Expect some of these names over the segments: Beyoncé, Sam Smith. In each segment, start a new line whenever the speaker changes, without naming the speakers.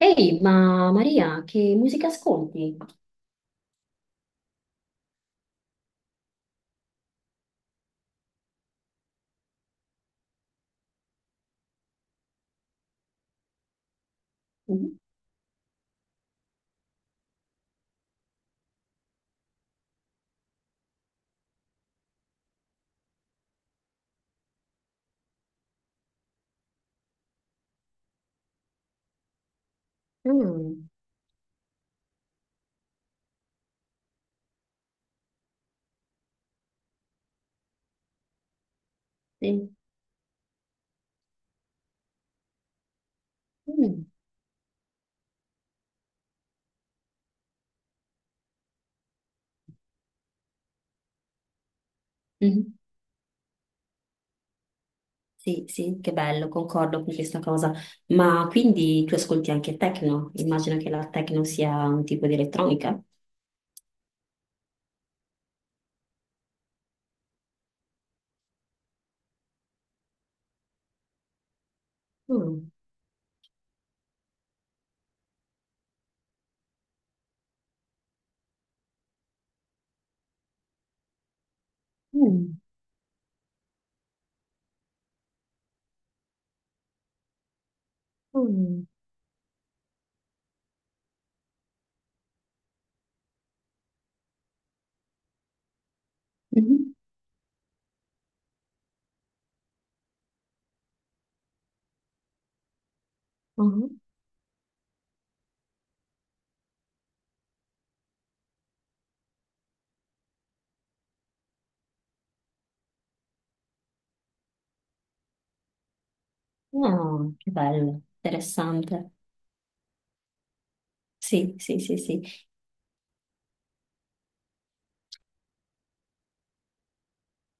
Ehi, ma Maria, che musica ascolti? Mhm. Mm, sì. Mm, mhm. Sì, sì, che bello, concordo con questa cosa. Ma quindi tu ascolti anche techno? Immagino che la techno sia un tipo di elettronica. Mm, mm, mm, mhm. Mhm. Ah, che bello, interessante. Sì, sì, sì, sì.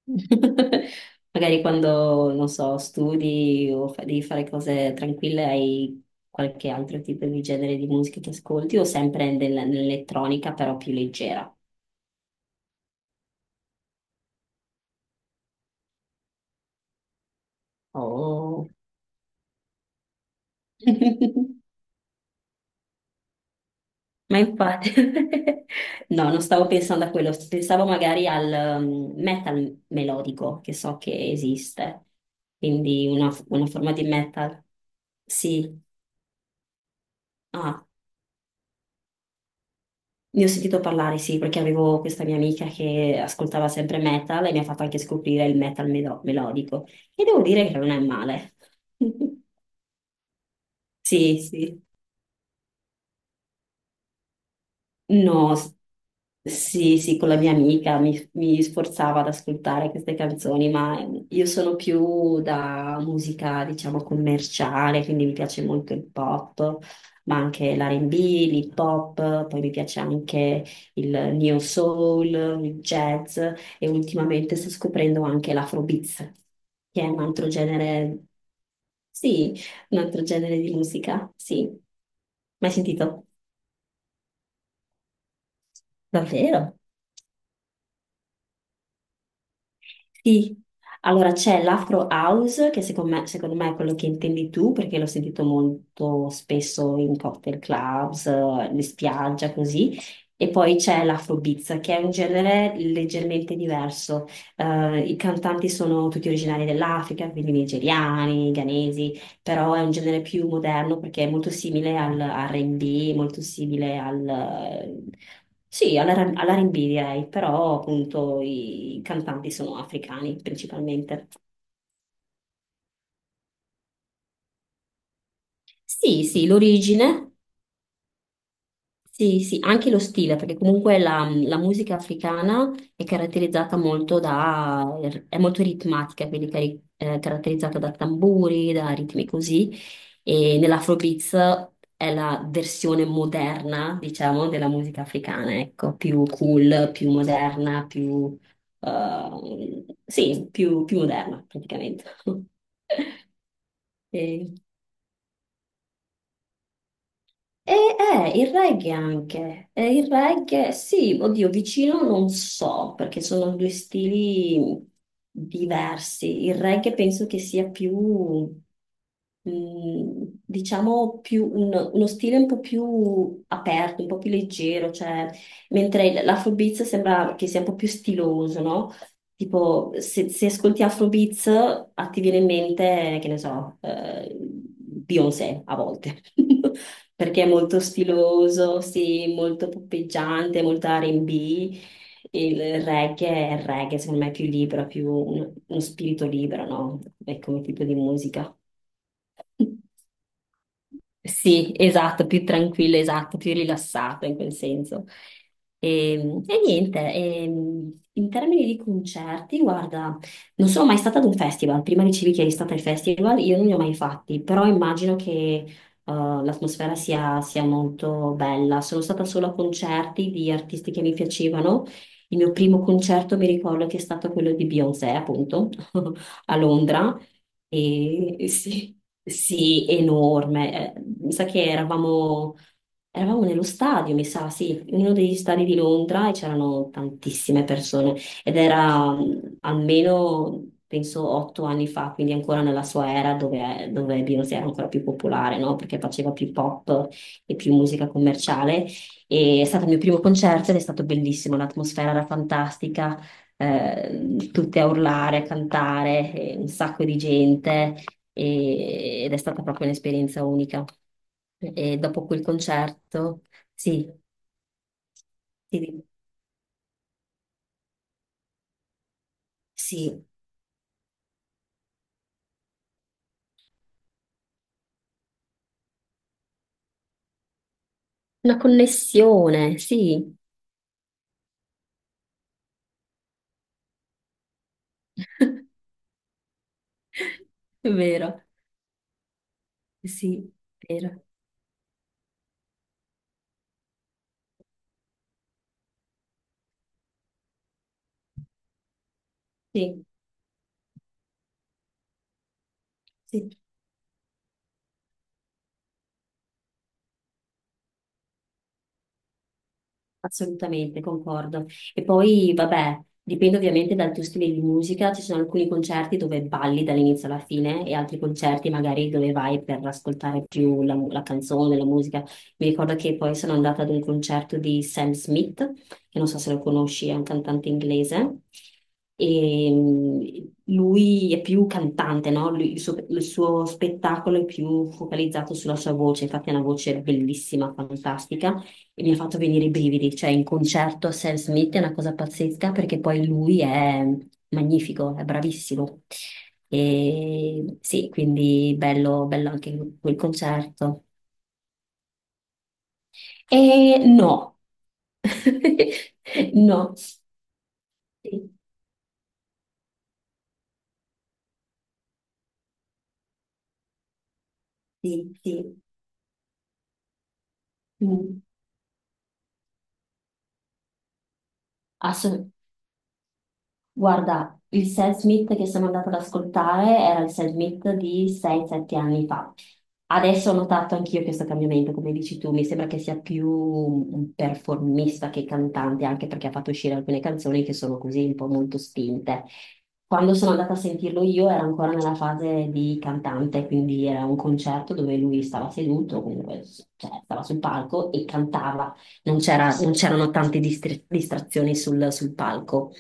Magari quando, non so, studi o devi fare cose tranquille, hai qualche altro tipo di genere di musica che ascolti o sempre nell'elettronica, però più leggera. Oh. Ma infatti, no, non stavo pensando a quello, pensavo magari al metal melodico che so che esiste, quindi una forma di metal. Sì. Ah, ne ho sentito parlare, sì, perché avevo questa mia amica che ascoltava sempre metal e mi ha fatto anche scoprire il metal melodico. E devo dire che non è male. Sì, sì. No, s- sì, sì, con la mia amica mi sforzava ad ascoltare queste canzoni, ma io sono più da musica, diciamo, commerciale, quindi mi piace molto il pop, ma anche l'R&B, l'hip hop, poi mi piace anche il neo soul, il jazz e ultimamente sto scoprendo anche l'afrobeats, che è un altro genere, sì, un altro genere di musica, sì. Mai sentito? Davvero? Sì, allora c'è l'Afro House, che secondo me è quello che intendi tu, perché l'ho sentito molto spesso in cocktail clubs, in spiaggia, così. E poi c'è l'Afrobeats, che è un genere leggermente diverso. I cantanti sono tutti originari dell'Africa, quindi nigeriani, ghanesi, però è un genere più moderno perché è molto simile al R&B, molto simile al... Sì, all'R&B direi, però appunto i cantanti sono africani principalmente. Sì, sì, l'origine. Sì, sì, anche lo stile, perché comunque la musica africana è caratterizzata molto da, è molto ritmatica, quindi è caratterizzata da tamburi, da ritmi così, e nell'Afrobeats è la versione moderna, diciamo, della musica africana, ecco, più cool, più moderna, più, sì, più, più moderna praticamente. E- e il reggae anche. Il reggae sì, oddio, vicino non so, perché sono due stili diversi. Il reggae penso che sia più, mm, diciamo, più uno stile un po' più aperto, un po' più leggero, cioè, mentre l'afrobeats sembra che sia un po' più stiloso, no? Tipo, se ascolti Afrobeats, a ti viene in mente, che ne so, Beyoncé a volte. Perché è molto stiloso, sì, molto poppeggiante, molto R&B. Il reggae è il reggae, secondo me è più libero, più uno spirito libero, no? È come tipo di musica. Sì, esatto, più tranquillo, esatto, più rilassato in quel senso. E, e niente, in termini di concerti, guarda, non sono mai stata ad un festival, prima dicevi che eri stata ai festival, io non li ho mai fatti, però immagino che l'atmosfera sia molto bella. Sono stata solo a concerti di artisti che mi piacevano. Il mio primo concerto mi ricordo che è stato quello di Beyoncé, appunto, a Londra. E sì, sì, enorme. Mi sa che eravamo nello stadio, mi sa, sì, in uno degli stadi di Londra e c'erano tantissime persone ed era almeno, penso, 8 anni fa, quindi ancora nella sua era dove Beyoncé era ancora più popolare, no? Perché faceva più pop e più musica commerciale. E è stato il mio primo concerto ed è stato bellissimo, l'atmosfera era fantastica, tutte a urlare, a cantare, un sacco di gente ed è stata proprio un'esperienza unica. E dopo quel concerto, sì, sì, sì, una connessione, sì. È vero, sì, è vero, sì, sì. Assolutamente, concordo. E poi, vabbè, dipende ovviamente dal tuo stile di musica, ci sono alcuni concerti dove balli dall'inizio alla fine e altri concerti magari dove vai per ascoltare più la canzone, la musica. Mi ricordo che poi sono andata ad un concerto di Sam Smith, che non so se lo conosci, è un cantante inglese, e lui è più cantante, no? Il suo spettacolo è più focalizzato sulla sua voce, infatti ha una voce bellissima, fantastica e mi ha fatto venire i brividi, cioè in concerto Sam Smith è una cosa pazzesca perché poi lui è magnifico, è bravissimo. E sì, quindi bello, bello anche quel concerto. E no, no, sì, sì, sì. Mm. Asso- guarda, il Sam Smith che sono andata ad ascoltare era il Sam Smith di 6-7 anni fa. Adesso ho notato anch'io questo cambiamento, come dici tu, mi sembra che sia più un performista che cantante, anche perché ha fatto uscire alcune canzoni che sono così un po' molto spinte. Quando sono andata a sentirlo io era ancora nella fase di cantante, quindi era un concerto dove lui stava seduto, comunque, cioè, stava sul palco e cantava, non c'erano tante distrazioni sul sul palco.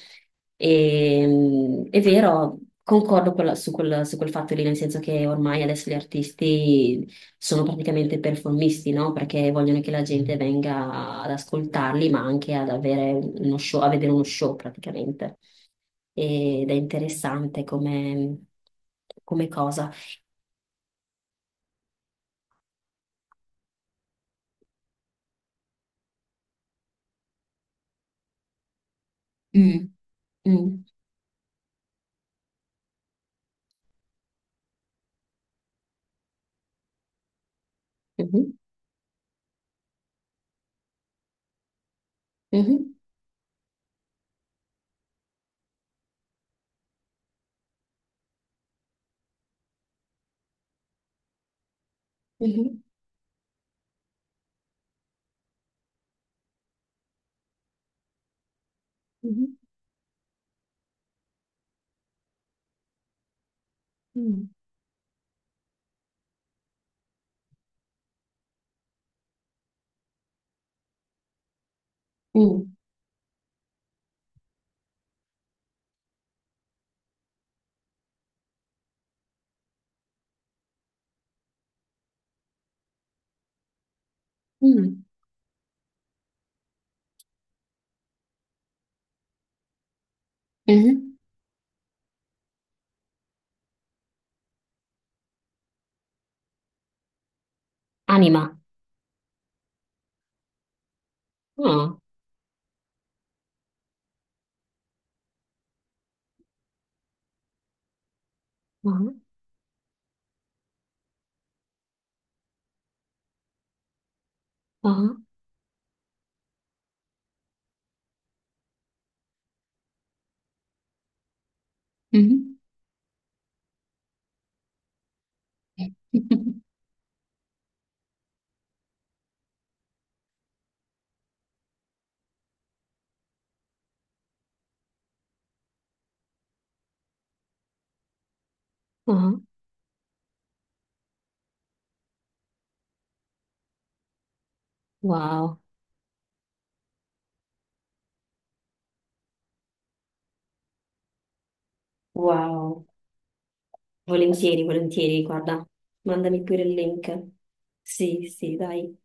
E, è vero, concordo su su quel fatto lì, nel senso che ormai adesso gli artisti sono praticamente performisti, no? Perché vogliono che la gente venga ad ascoltarli, ma anche ad avere uno show, a vedere uno show praticamente. Ed è interessante come, come cosa. Mm. Mm. Mhm. Mhm. Mhm. Mhm. Mm. Mm. Mm. Mhm. Anima. Ah. Ah. Ah. Mhm. Ah, wow. Wow, volentieri, volentieri, guarda, mandami pure il link. Sì, sì, dai.